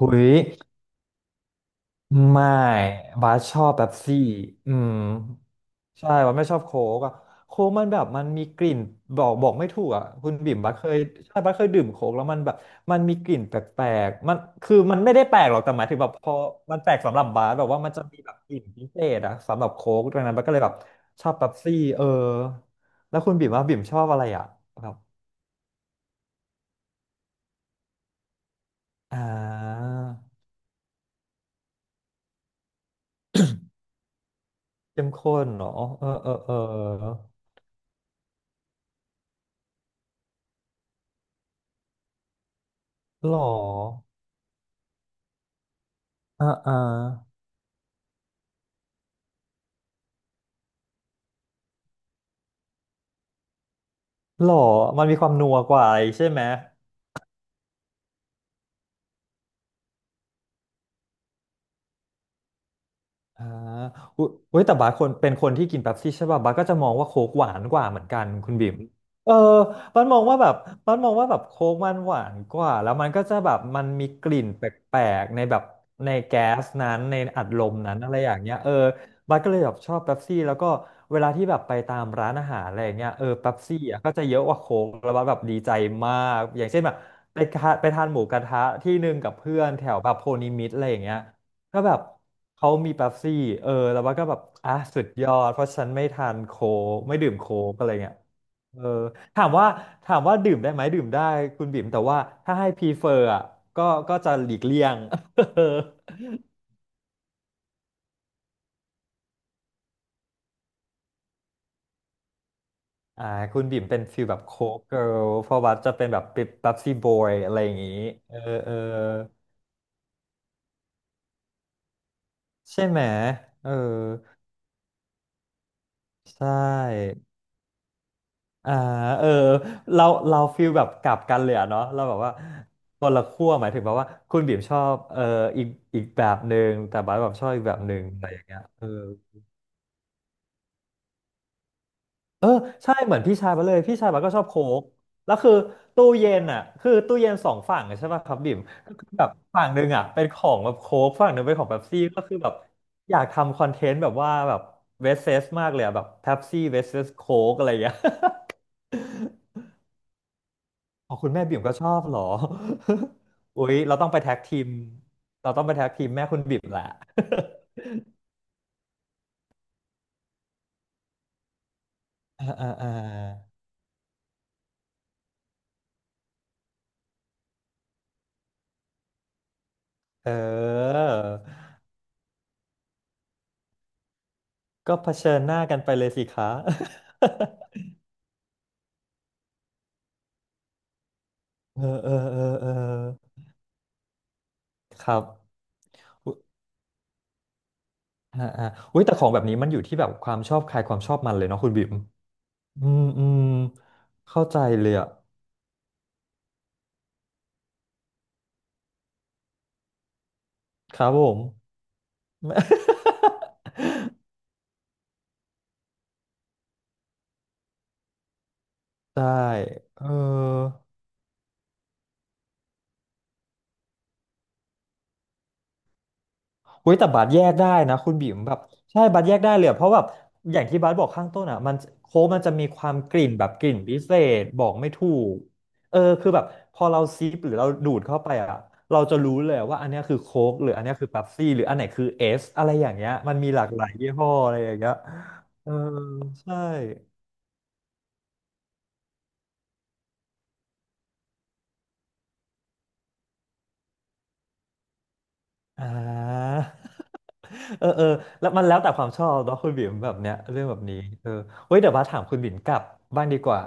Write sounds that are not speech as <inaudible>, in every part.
หุยไม่บาสชอบเป๊ปซี่อืมใช่บาไม่ชอบโค้กอะโค้กมันแบบมันมีกลิ่นบอกไม่ถูกอ่ะคุณบิ่มบาสเคยใช่บาสเคยดื่มโค้กแล้วมันแบบมันมีกลิ่นแปลกๆมันคือมันไม่ได้แปลกหรอกแต่หมายถึงแบบพอมันแปลกสำหรับบาสแบบว่ามันจะมีแบบกลิ่นพิเศษอะสำหรับโค้กดังนั้นบาสก็เลยแบบชอบเป๊ปซี่เออแล้วคุณบิ่มว่าบิ่มชอบอะไรอ่ะแบบอ่าเข้มข้นเหรอเออเออเออหรออ่าอ่า หรอมันมีความนัวกว่าอะไรใช่ไหม อ่าอุยอุ๊ยแต่บาสคนเป็นคนที่กินเป๊ปซี่ใช่ป่ะบาสก็จะมองว่าโค้กหวานกว่าเหมือนกันคุณบิ่มเออบาสมองว่าแบบบาสมองว่าแบบโค้กมันหวานกว่าแล้วมันก็จะแบบมันมีกลิ่นแปลกๆในแบบในแก๊สนั้นในอัดลมนั้นอะไรอย่างเงี้ยเออบาสก็เลยแบบชอบเป๊ปซี่แล้วก็เวลาที่แบบไปตามร้านอาหารอะไรอย่างเงี้ยเออเป๊ปซี่อ่ะก็จะเยอะกว่าโค้กแล้วบาสแบบดีใจมากอย่างเช่นแบบไปทานหมูกระทะที่หนึ่งกับเพื่อนแถวแบบโพนิมิตอะไรอย่างเงี้ย ก็แบบเขามีเป๊ปซี่เออแล้วว่าก็แบบอ่ะสุดยอดเพราะฉันไม่ทานโค้กไม่ดื่มโค้กอะไรเงี้ยเออถามว่าถามว่าดื่มได้ไหมดื่มได้คุณบิ่มแต่ว่าถ้าให้พรีเฟอร์อ่ะก็ก็จะหลีกเลี่ยง <laughs> อ่าคุณบิ่มเป็นฟิลแบบโค้กเกิร์ลเพราะว่าจะเป็นแบบเป๊ปซี่บอยอะไรอย่างงี้เออเออใช่ไหมเออใช่ อ่าเออเราเราฟีลแบบกลับกันเลยอะเนาะเราแบบว่าคนละขั้วหมายถึงแบบว่าคุณบีมชอบเอออีกอีกแบบหนึ่งแต่บาสแบบชอบอีกแบบหนึ่งอะไรอย่างเงี้ยเออเออใช่เหมือนพี่ชายมาเลยพี่ชายมาสก็ชอบโค้กแล้วคือตู้เย็นอ่ะคือตู้เย็นสองฝั่งอะใช่ป่ะครับบิ่มก็คือแบบฝั่งหนึ่งอ่ะเป็นของแบบโค้กฝั่งหนึ่งเป็นของเป๊ปซี่ก็คือแบบอยากทำคอนเทนต์แบบว่าแบบเวสเซสมากเลยอะแบบเป๊ปซี่เวสเซสโค้กอะไรอย่างเงี้ย อ๋อคุณแม่บิ่มก็ชอบเหรอ <laughs> อุ๊ยเราต้องไปแท็กทีมเราต้องไปแท็กทีมแม่คุณบิ่มแหละ <laughs> อ่าอ่าอ่าเออก็เผชิญหน้ากันไปเลยสิคะ <laughs> เออเออเออเออครับอุ๊ยอ่าอ่าอุ้ยแต่ของแบบนี้มันอยู่ที่แบบความชอบใครความชอบมันเลยเนาะคุณบิ่มอืมอืมเข้าใจเลยอะครับผม <laughs> ได้เออ หุ้ยแต่บาสแยกได้นะคุณบิ่มแบบใช่บาสแยกได้เลยอะเพราะแบบอย่างที่บาสบอกข้างต้นอ่ะมันโค้กมันจะมีความกลิ่นแบบกลิ่นพิเศษบอกไม่ถูกเออคือแบบพอเราซิปหรือเราดูดเข้าไปอ่ะเราจะรู้เลยว่าอันเนี้ยคือโค้กหรืออันเนี้ยคือเป๊ปซี่หรืออันไหนคือเอสอะไรอย่างเงี้ยมันมีหลากหลายยี่ห้ออะไรอย่างเงี้ยเออใช่อ่า เออเออแล้วมันแล้วแต่ความชอบเนาะคุณบิ่มแบบเนี้ยเรื่องแบบนี้เออเฮ้ยเดี๋ยวว่าถามคุณบิ่มกลับบ้างดีกว่า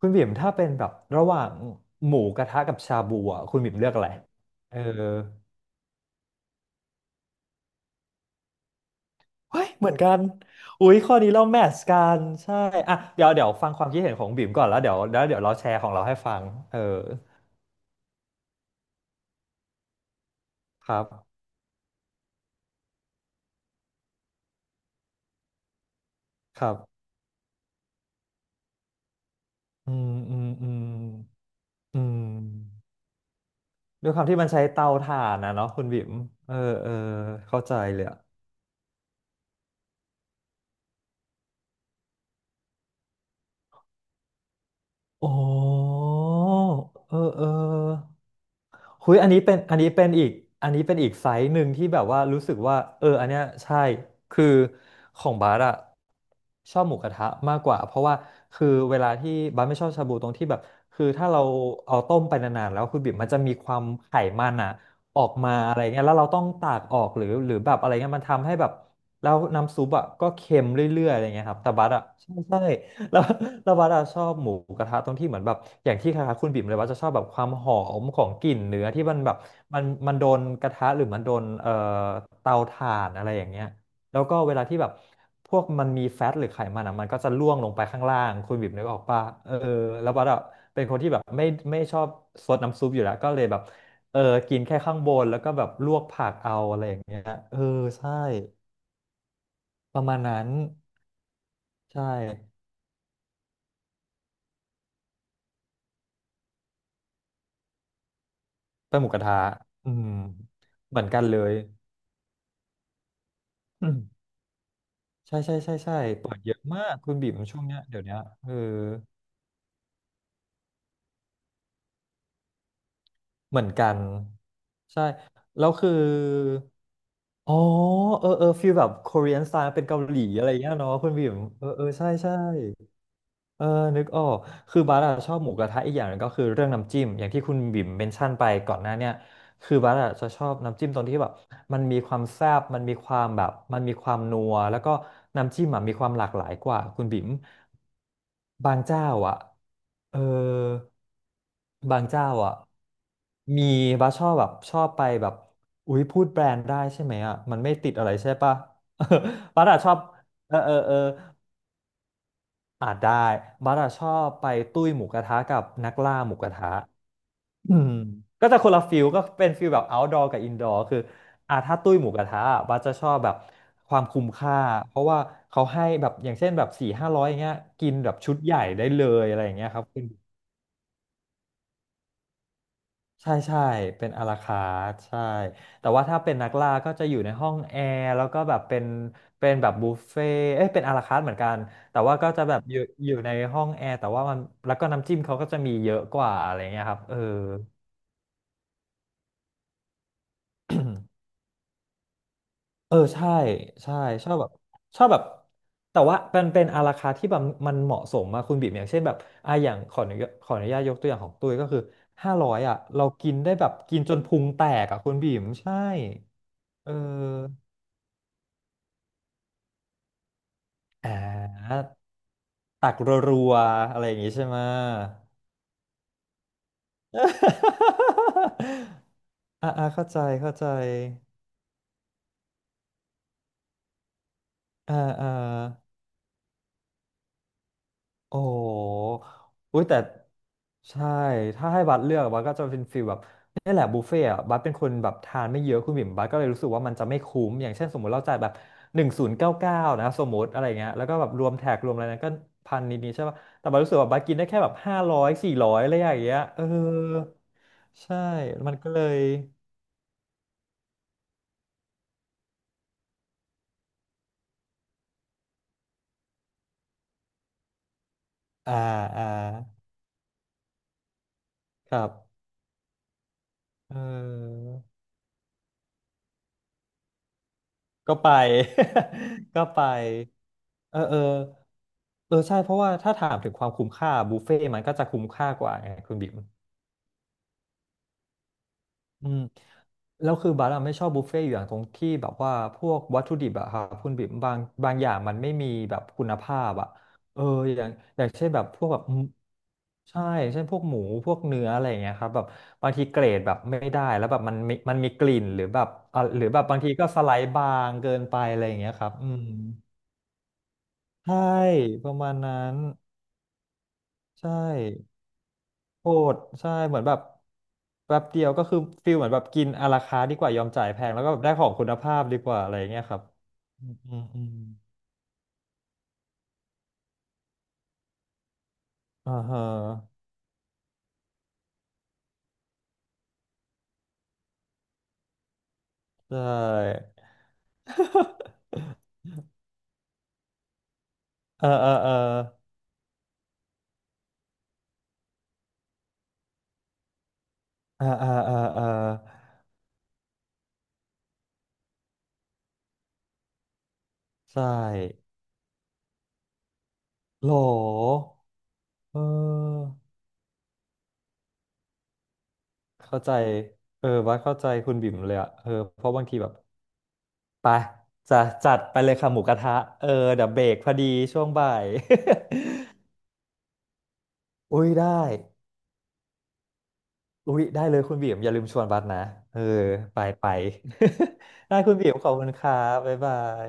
คุณบิ่มถ้าเป็นแบบระหว่างหมูกระทะกับชาบูอ่ะคุณบิ่มเลือกอะไรเออเฮ้ยเหมือนกันอุ้ยข้อนี้เราแมทช์กันใช่อ่ะเดี๋ยวเดี๋ยวฟังความคิดเห็นของบิ่มก่อนแล้วเดี๋ยวแล้วเดี๋ยวเราแชร์ของเราให้ฟังเออครับครับอืมอืมอืมอืมด้วยความที่มันใช้เตาถ่านนะเนาะคุณบิ่มเออเออเข้าใจเลยอะ โอ้เออเออคุยอันนี้เป็นอันนี้เป็นอีกอันนี้เป็นอีกไซส์หนึ่งที่แบบว่ารู้สึกว่าเอออันเนี้ยใช่คือของบาร์อะชอบหมูกระทะมากกว่าเพราะว่าคือเวลาที่บาร์ไม่ชอบชาบูตรงที่แบบคือถ้าเราเอาต้มไปนานๆแล้วคุณบิบมันจะมีความไขมันอะออกมาอะไรเงี้ยแล้วเราต้องตากออกหรือหรือแบบอะไรเงี้ยมันทำให้แบบแล้วน้ำซุปอะก็เค็มเรื่อยๆอะไรเงี้ยครับแต่บาร์อะใช่ใช่ แล้ว <laughs> แล้ววัดอะชอบหมูกระทะตรงที่เหมือนแบบอย่างที่คล้ายๆคุณบิ่มเลยว่าจะชอบแบบความหอมของกลิ่นเนื้อที่มันแบบมันโดนกระทะหรือมันโดนเตาถ่านอะไรอย่างเงี้ยแล้วก็เวลาที่แบบพวกมันมีแฟตหรือไขมันอะมันก็จะล่วงลงไปข้างล่างคุณบิ่มนึกออกป่ะเออแล้ววัดอะเป็นคนที่แบบไม่ไม่ชอบซดน้ำซุปอยู่แล้วก็เลยแบบเออกินแค่ข้างบนแล้วก็แบบลวกผักเอาอะไรอย่างเงี้ยเออใช่ประมาณนั้นใช่ ไปหมูกระทะอืมเหมือนกันเลยอืมใช่ใช่ใช่ใช่เปิดเยอะมากคุณบีมช่วงเนี้ยเดี๋ยวเนี้ยเออเหมือนกัน ใช่ แล้วคืออ๋อเออเออฟีลแบบ Korean style เป็นเกาหลีอะไรเงี้ยเนาะคุณบีมเออเออใช่ใช่ เออนึกออกคือบาร์อะชอบหมูกระทะอีกอย่างหนึงก็คือเรื่องน้ำจิ้มอย่างที่คุณบิ่มเมนชั่นไปก่อนหน้าเนี่ยคือบาร์อะจะชอบน้ำจิ้มตรงที่แบบมันมีความแซ่บมันมีความแบบมันมีความนัวแล้วก็น้ำจิ้มอะมีความหลากหลายกว่าคุณบิ่มบางเจ้าอ่ะเออบางเจ้าอ่ะมีบาร์ชอบแบบชอบไปแบบอุ๊ยพูดแบรนด์ได้ใช่ไหมอ่ะมันไม่ติดอะไรใช่ปะ <laughs> บาร์อะชอบเออเออเออ อ่าได้บัสอะชอบไปตุ้ยหมูกระทะกับนักล่าหมูกระทะอืมก็จะคนละฟิลก็เป็นฟิลแบบ outdoor กับ indoor คืออ่าถ้าตุ้ยหมูกระทะอะบัสจะชอบแบบความคุ้มค่าเพราะว่าเขาให้แบบอย่างเช่นแบบ400-500อย่างเงี้ยกินแบบชุดใหญ่ได้เลยอะไรอย่างเงี้ยครับ ใช่ใช่เป็นอาราคาร์ทใช่แต่ว่าถ้าเป็นนักล่าก็จะอยู่ในห้องแอร์แล้วก็แบบเป็นเป็นแบบบุฟเฟ่ต์เอ้ยเป็นอาราคาร์ทเหมือนกันแต่ว่าก็จะแบบอยู่ในห้องแอร์แต่ว่ามันแล้วก็น้ำจิ้มเขาก็จะมีเยอะกว่าอะไรเงี้ยครับเออ <coughs> เออใช่ใช่ชอบแบบชอบแบบแต่ว่ามันเป็นอาราคาร์ทที่แบบมันเหมาะสมมาคุณบิ๊มอย่างเช่นแบบอ่ะอย่างขออนุญาตขออนุญาตยกตัวอย่างของตุ้ยก็คือห้าร้อยอ่ะเรากินได้แบบกินจนพุงแตกอ่ะคุณบิ๊มใช่เออ อ่าตักรัวๆอะไรอย่างงี้ใช่ไหม <laughs> อ่าอ่าเข้าใจเข้าใจอ่าอ่าโอ้โหอุ้ยแต่ใช่ถ้าให้บัสเลือกบัสก็จะเป็นฟีลแบบนี่แหละบุฟเฟ่ต์อะบัสเป็นคนแบบทานไม่เยอะคุณบิ่มบัสก็เลยรู้สึกว่ามันจะไม่คุ้มอย่างเช่นสมมติเราจ่ายแบบ1099นะสมมติอะไรเงี้ยแล้วก็แบบรวมแท็กรวมอะไรนั้นก็พันนิดๆใช่ป่ะแต่บัสรู้สึกว่าบัสกินได้แค่แบบ500 400อะไรอย่างเงี้ยเออ ใช่ มันก็เลย อ่า อ่าครับเออก็ไป <laughs> ก็ไป เออ เออ เออ ใช่ เพราะว่าถ้าถามถึงความคุ้มค่าบุฟเฟ่ต์มันก็จะคุ้มค่ากว่าไงคุณบิ๊มอืม แล้วคือบาร์อะไม่ชอบบุฟเฟ่ต์อยู่อย่างตรงที่แบบว่าพวกวัตถุดิบอะครับคุณบิ๊มบางอย่างมันไม่มีแบบคุณภาพอะเอออย่างอย่างเช่นแบบพวกแบบใช่อย่างเช่นพวกหมูพวกเนื้ออะไรอย่างเงี้ยครับแบบบางทีเกรดแบบไม่ได้แล้วแบบมันมีกลิ่นหรือแบบอ่ะหรือแบบบางทีก็สไลด์บางเกินไปอะไรอย่างเงี้ยครับอืมใช่ประมาณนั้นใช่ โหดใช่เหมือนแบบแป๊บเดียวก็คือฟิลเหมือนแบบกินอาราคาร์ทดีกว่ายอมจ่ายแพงแล้วก็แบบได้ของคุณภาพดีกว่าอะไรอย่างเงี้ยครับอืมอืมอืมอ่าฮะใช่ <laughs> เออเออเออเออเอออาอาใช่โหลเออเข้าใจเออว่าเข้าใจคุณบิ่มเลยอะเออเพราะบางทีแบบไปจะจัดไปเลยค่ะหมูกระทะเออเดี๋ยวเบรกพอดีช่วงบ่าย <laughs> อุ้ยได้ อุ๊ยได้เลยคุณบีมอย่าลืมชวนบัสนะเออไปไป <laughs> ได้คุณบีมขอบคุณครับบ๊ายบาย